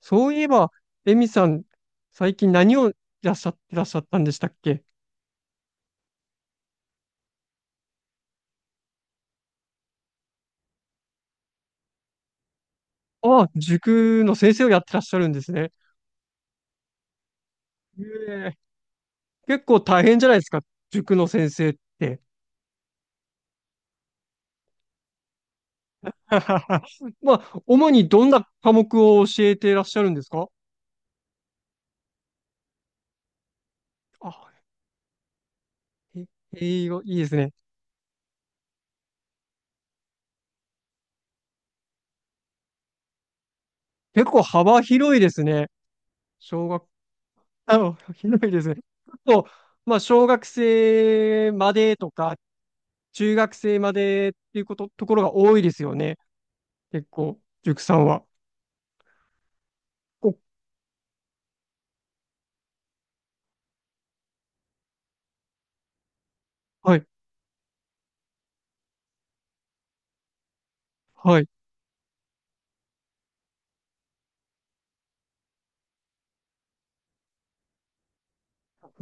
そういえば、エミさん、最近何をいらっしゃってらっしゃったんでしたっけ？ああ、塾の先生をやってらっしゃるんですね。ええ、結構大変じゃないですか、塾の先生って。まあ、主にどんな科目を教えてらっしゃるんですか？あ、え英語、いいですね。結構幅広いですね。小学、広いですね。結構、まあ、小学生までとか、中学生までっていうこと、ところが多いですよね。結構、塾さんは。お、はい、はい。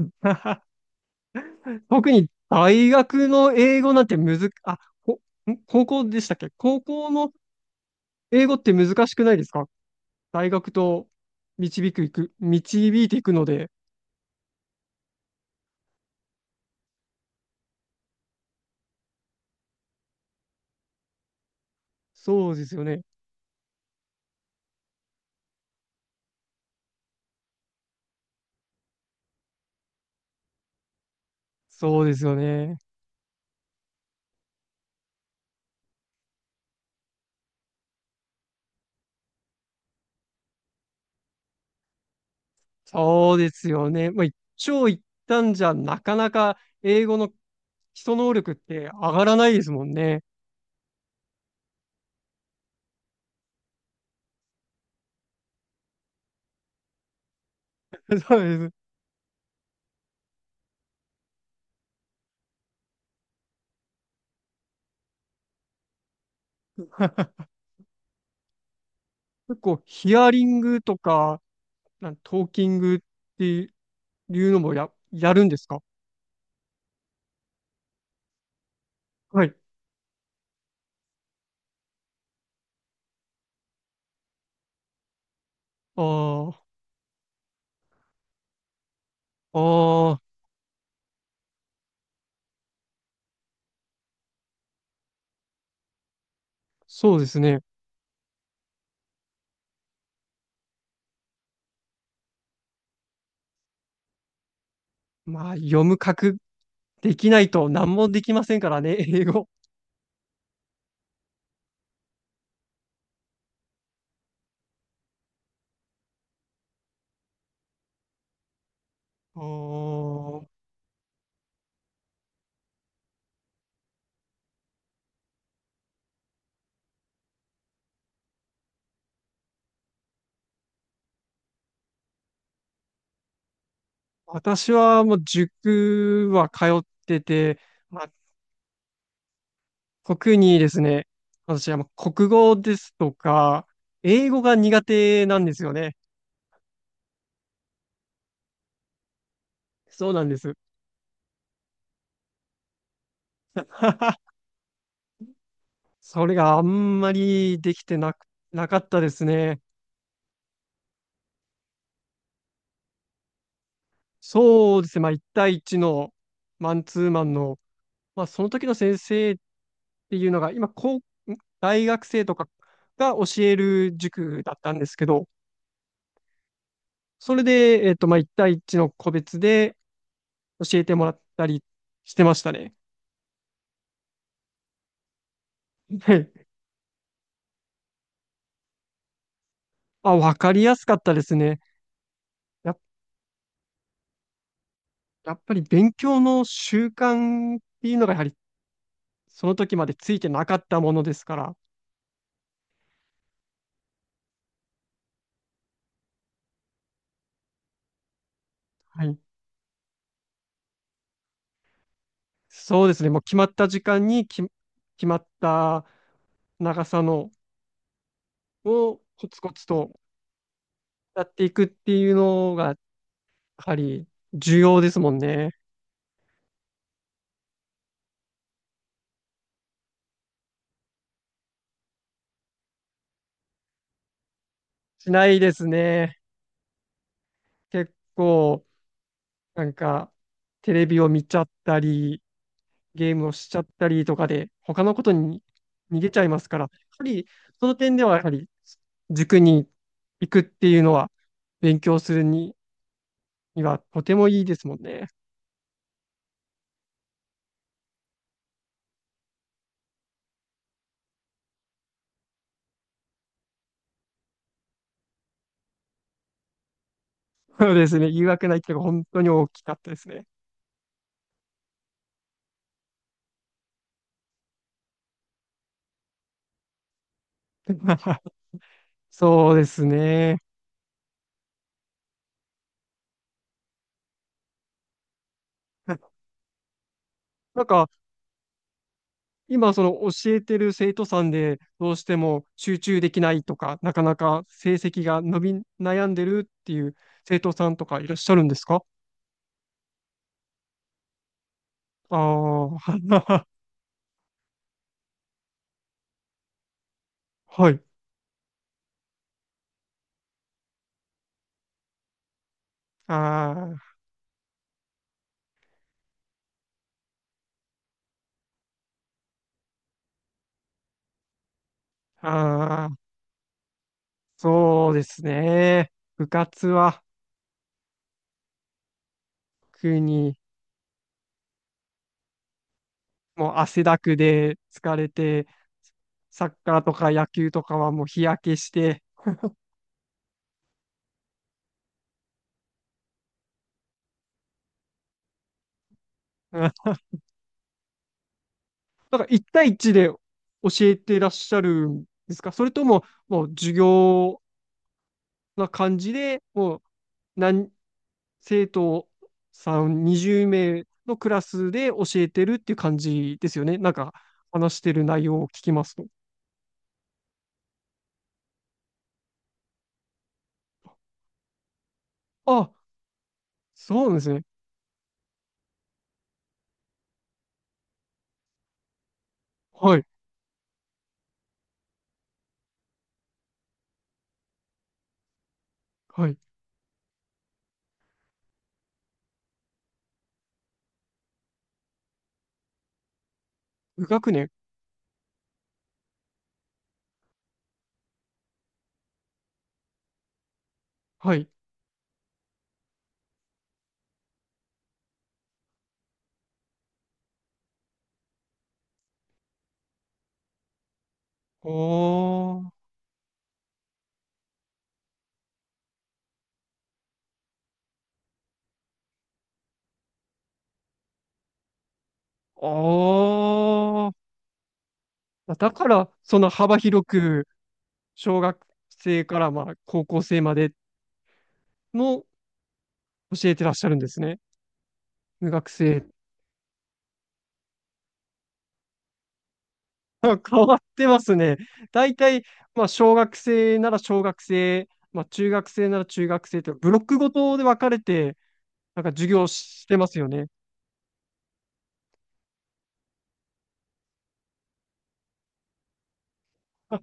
特に大学の英語なんてむず、あ、こ、高校でしたっけ？高校の英語って難しくないですか？大学と導いていくので。そうですよね。そうですよね。そうですよね。まあ、一長一短じゃなかなか英語の基礎能力って上がらないですもんね。そうです。結構ヒアリングとか、トーキングっていうのもやるんですか？はい。ああ、ああ、そうですね。まあ、読む書くできないと何もできませんからね、英語。あー、私はもう塾は通ってて、まあ、特にですね、私はもう国語ですとか、英語が苦手なんですよね。そうなんです。それがあんまりできてなく、なかったですね。そうですね。まあ、1対1のマンツーマンの、まあ、その時の先生っていうのが、今、大学生とかが教える塾だったんですけど、それで、まあ、1対一の個別で教えてもらったりしてましたね。はい。あ、わかりやすかったですね。や、やっぱり勉強の習慣っていうのが、やはりその時までついてなかったものですから、はい。そうですね。もう決まった時間に決まった長さのをコツコツとやっていくっていうのが、ぱり重要ですもんね。しないですね。結構、なんか、テレビを見ちゃったり、ゲームをしちゃったりとかで、他のことに逃げちゃいますから、やはり、その点では、やはり、塾に行くっていうのは、勉強するにはとてもいいですもんね。そうですね。誘惑ないっていうのが本当に大きかったですね。そうですね。なんか、今、その教えてる生徒さんで、どうしても集中できないとか、なかなか成績が伸び悩んでるっていう生徒さんとかいらっしゃるんですか？ああー、はい。ああ、ああ、そうですね。部活は、特に、もう汗だくで疲れて、サッカーとか野球とかはもう日焼けして、うん、なんか1対一で教えてらっしゃるんですか？それとも、もう授業な感じで、もう何、生徒さん20名のクラスで教えてるっていう感じですよね。なんか話してる内容を聞きますと。あ、そうなんですね。はい。はい。無学年。はい。あー。あー。あ、だから、その幅広く、小学生からまあ高校生までの教えてらっしゃるんですね。無学生。 変わってますね。大体、まあ、小学生なら小学生、まあ、中学生なら中学生と、ブロックごとで分かれて、なんか授業してますよね。あ、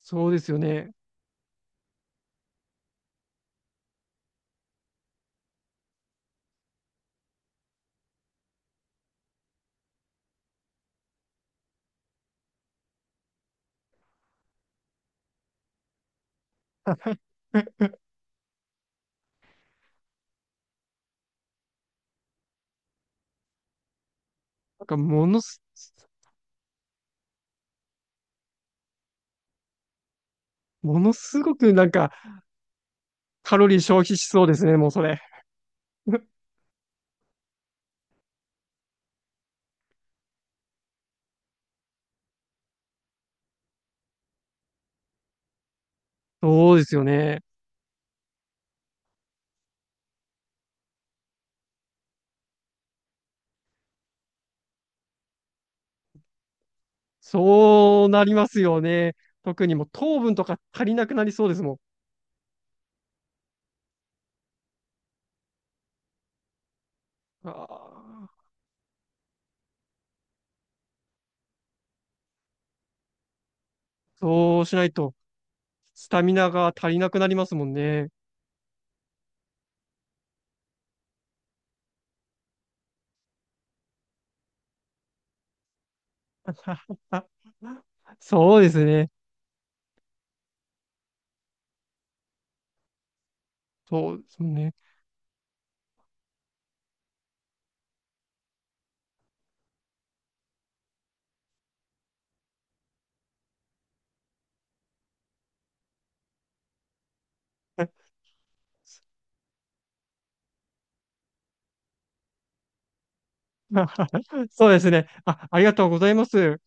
そうですよね。なんか、ものすごくなんか、カロリー消費しそうですね、もうそれ。そうですよね。そうなりますよね。特にもう糖分とか足りなくなりそうですもん。あー、そうしないと、スタミナが足りなくなりますもんね。そうですね。そうですね。そうですね。あ、ありがとうございます。